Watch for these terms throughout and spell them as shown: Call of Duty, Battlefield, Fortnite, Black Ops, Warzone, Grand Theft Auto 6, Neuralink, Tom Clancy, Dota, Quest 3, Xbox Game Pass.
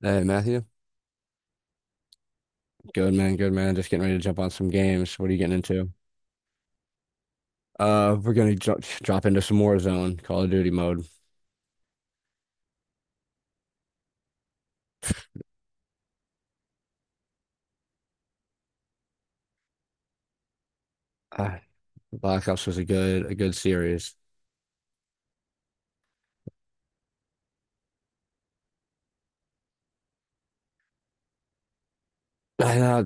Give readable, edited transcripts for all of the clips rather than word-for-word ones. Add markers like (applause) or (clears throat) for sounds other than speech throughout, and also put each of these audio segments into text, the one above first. Hey Matthew, good man, good man. Just getting ready to jump on some games. What are you getting into? We're gonna drop into some Warzone, Call of Duty mode. Ah, Black Ops was a good series. And, uh,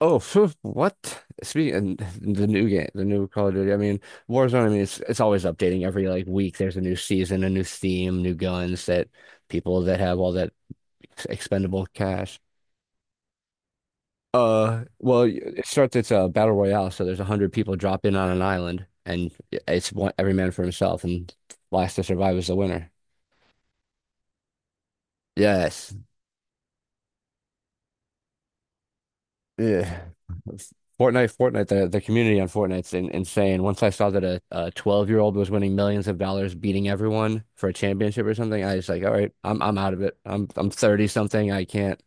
oh, phew, what? Speaking the new game, the new Call of Duty. I mean, Warzone. I mean, it's always updating every like week. There's a new season, a new theme, new guns that people that have all that expendable cash. Well, it starts. It's a battle royale, so there's a hundred people drop in on an island, and it's one every man for himself, and last to survive is the winner. Yes, yeah. Fortnite, Fortnite, the community on Fortnite's insane. Once I saw that a 12-year-old was winning millions of dollars, beating everyone for a championship or something, I was like, all right, I'm out of it. I'm 30 something.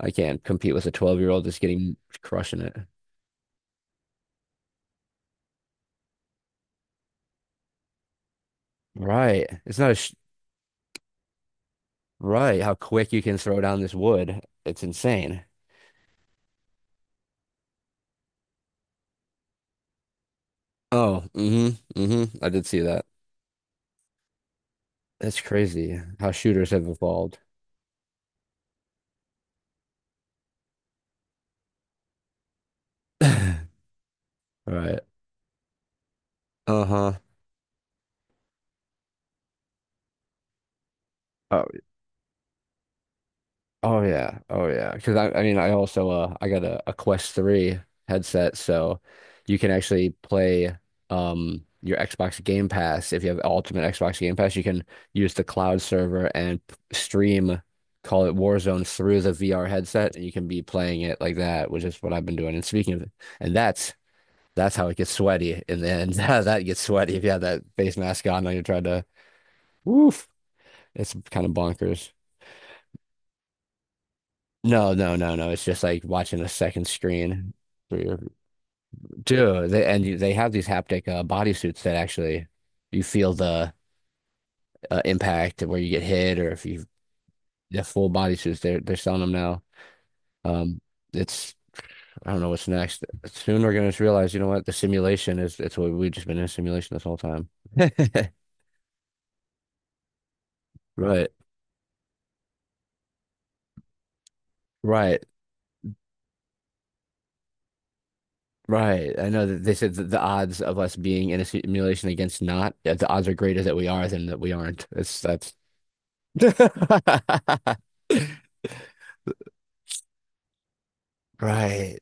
I can't compete with a 12-year-old that's getting crushing it. Right. It's not a sh Right, how quick you can throw down this wood. It's insane. Oh, mm-hmm, mm-hmm, I did see that. That's crazy how shooters have evolved. (laughs) Right. Uh-huh. Uh, Oh yeah, oh yeah. Because I mean, I also I got a Quest 3 headset, so you can actually play your Xbox Game Pass. If you have Ultimate Xbox Game Pass, you can use the cloud server and stream, call it Warzone through the VR headset, and you can be playing it like that, which is what I've been doing. And speaking of, and that's how it gets sweaty in the end. (laughs) That gets sweaty if you have that face mask on and you're trying to, woof. It's kind of bonkers. No, no, no, no. It's just like watching a second screen, dude. They have these haptic bodysuits that actually you feel the impact where you get hit or if you the full bodysuits. They're selling them now. Um, it's I don't know what's next. Soon we're gonna just realize, you know what, the simulation is. It's what we've just been in a simulation this whole time. (laughs) Right, right, right. I know that they said that the odds of us being in a simulation against not, that the odds are greater that we are than that we aren't. It's That's (laughs) right,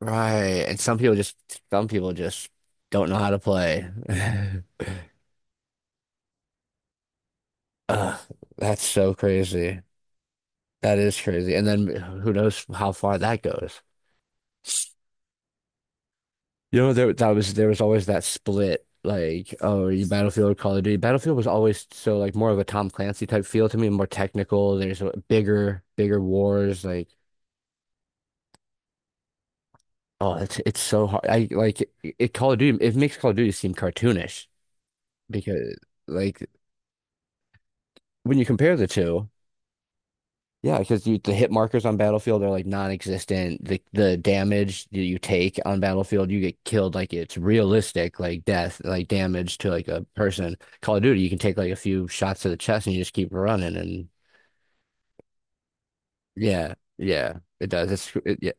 right. And some people just don't know how to play. (laughs) Ugh, that's so crazy. That is crazy. And then who knows how far that goes. You know, there was always that split, like, oh, you Battlefield, Call of Duty. Battlefield was always so like more of a Tom Clancy type feel to me, more technical. There's a bigger, bigger wars, like oh, it's so hard. I like it, Call of Duty, it makes Call of Duty seem cartoonish because like when you compare the two, yeah, because the hit markers on Battlefield are like non-existent. The damage that you take on Battlefield, you get killed like it's realistic, like death, like damage to like a person. Call of Duty, you can take like a few shots to the chest and you just keep running. And yeah, yeah, it does. Yeah,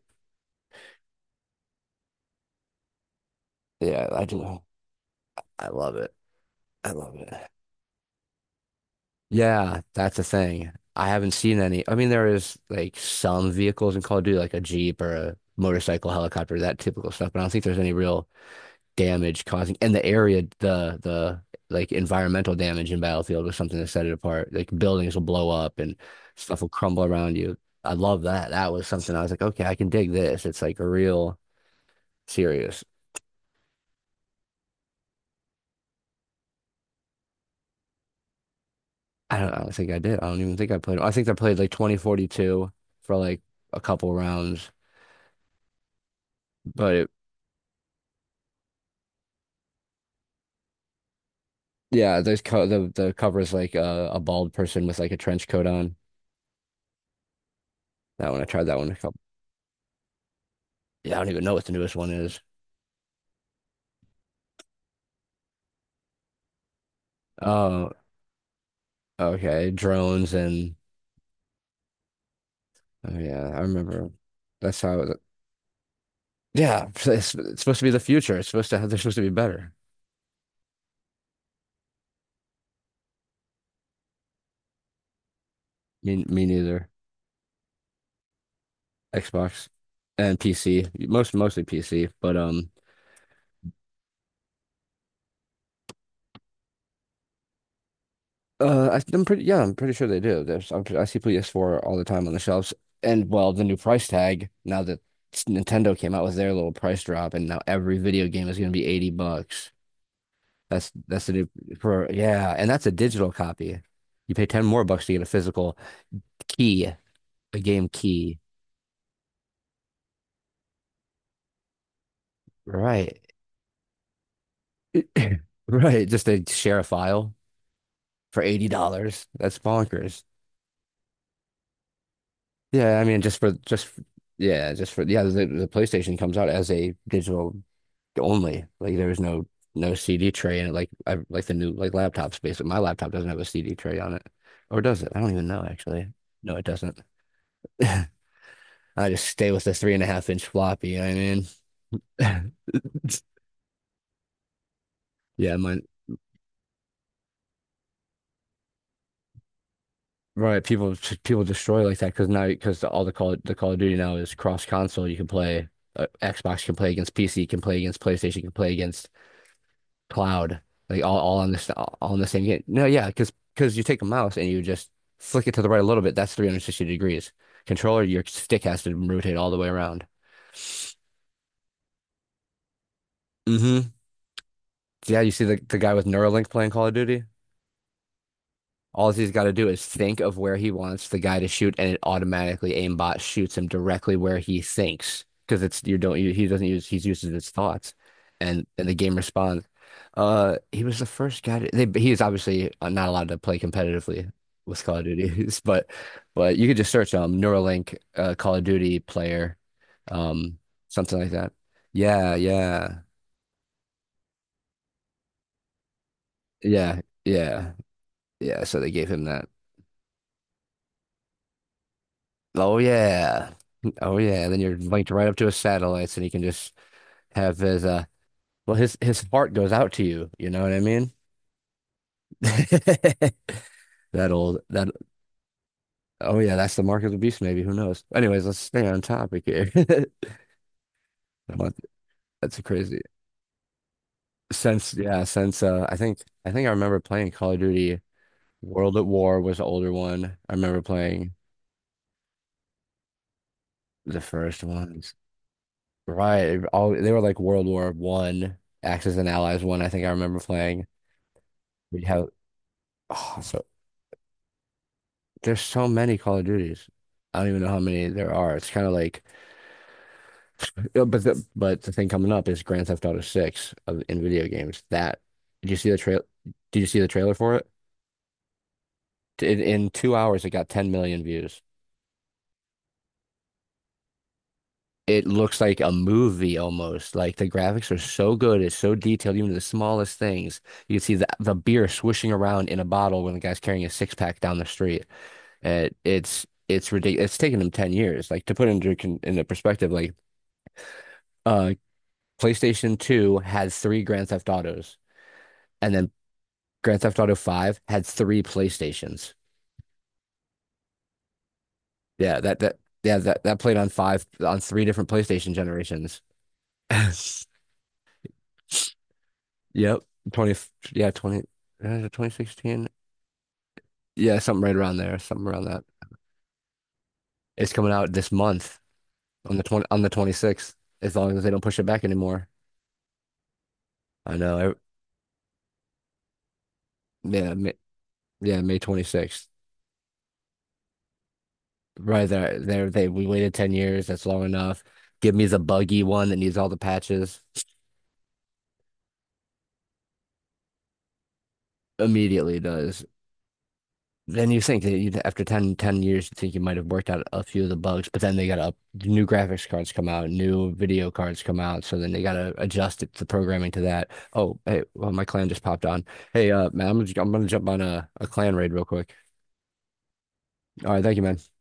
yeah. I do. I love it. I love it. Yeah, that's a thing. I haven't seen any. I mean, there is like some vehicles in Call of Duty, like a Jeep or a motorcycle, helicopter, that typical stuff. But I don't think there's any real damage causing and the area the like environmental damage in Battlefield was something that set it apart. Like buildings will blow up and stuff will crumble around you. I love that. That was something I was like, okay, I can dig this. It's like a real serious. I don't think I did. I don't even think I played. I think I played like 2042 for like a couple rounds, but it, yeah, there's co the cover is like a bald person with like a trench coat on. That one, I tried that one a couple. Yeah, I don't even know what the newest one is. Oh, okay, drones and oh yeah, I remember. That's how it, yeah, (laughs) it's supposed to be the future. It's supposed to have, they're supposed to be better. Me, me neither. Xbox and PC, mostly PC, but I'm pretty yeah, I'm pretty sure they do. I see PS4 all the time on the shelves, and well, the new price tag now that Nintendo came out with their little price drop, and now every video game is going to be 80 bucks. That's the new for yeah, and that's a digital copy. You pay 10 more bucks to get a physical key, a game key. Right. (clears throat) Right. Just to share a file for $80. That's bonkers. Yeah, I mean just for yeah, just for yeah, the PlayStation comes out as a digital only. Like there's no CD tray in it like like the new like laptops basically. My laptop doesn't have a CD tray on it. Or does it? I don't even know actually. No, it doesn't. (laughs) I just stay with the three and a half inch floppy, you know what I mean? (laughs) Yeah, mine right, people destroy like that because now because all the Call of Duty now is cross console. You can play Xbox can play against PC, can play against PlayStation, can play against cloud, like all on the same game. No, yeah, because you take a mouse and you just flick it to the right a little bit. That's 360 degrees. Controller, your stick has to rotate all the way around. Hmm Yeah, you see the guy with Neuralink playing Call of Duty. All he's got to do is think of where he wants the guy to shoot, and it automatically aimbot shoots him directly where he thinks because it's you don't you, he doesn't use, he uses his thoughts, and the game responds. He was the first guy to, they, he is obviously not allowed to play competitively with Call of Duty, (laughs) but you could just search Neuralink Call of Duty player, um something like that. Yeah, yeah, yeah, yeah, yeah. So they gave him that. Oh yeah. Oh yeah. And then you're linked right up to his satellites and he can just have his well, his heart goes out to you, you know what I mean? (laughs) That old that Oh yeah, that's the mark of the beast maybe, who knows. Anyways, let's stay on topic here. (laughs) Want- That's crazy. Since yeah, since I think I remember playing Call of Duty World at War was the older one. I remember playing the first ones. Right. All they were like World War One, Axis and Allies one, I think I remember playing. We have Oh, so there's so many Call of Duties. I don't even know how many there are. It's kind of like, but the thing coming up is Grand Theft Auto 6 of in video games. That did you see the trail? Did you see the trailer for it? In 2 hours, it got 10 million views. It looks like a movie almost. Like the graphics are so good, it's so detailed, even the smallest things. You can see the beer swishing around in a bottle when the guy's carrying a six pack down the street. It's ridiculous. It's taken them 10 years. Like to put into into perspective, like uh PlayStation 2 had three Grand Theft Autos and then Grand Theft Auto 5 had three PlayStations. Yeah, that that yeah, that that played on five on three different PlayStation generations. (laughs) Yep. 20 yeah, 20 2016. Yeah, something right around there, something around that. It's coming out this month on the 20 on the 26th, as long as they don't push it back anymore. I know. Yeah, yeah, May 26th. Right there, there they We waited 10 years. That's long enough. Give me the buggy one that needs all the patches. Immediately does. Then you think that you after 10 years, you think you might have worked out a few of the bugs, but then they got up new graphics cards come out, new video cards come out, so then they got to adjust it, the programming to that. Oh, hey, well, my clan just popped on. Hey, man, I'm gonna jump on a clan raid real quick. All right, thank you, man.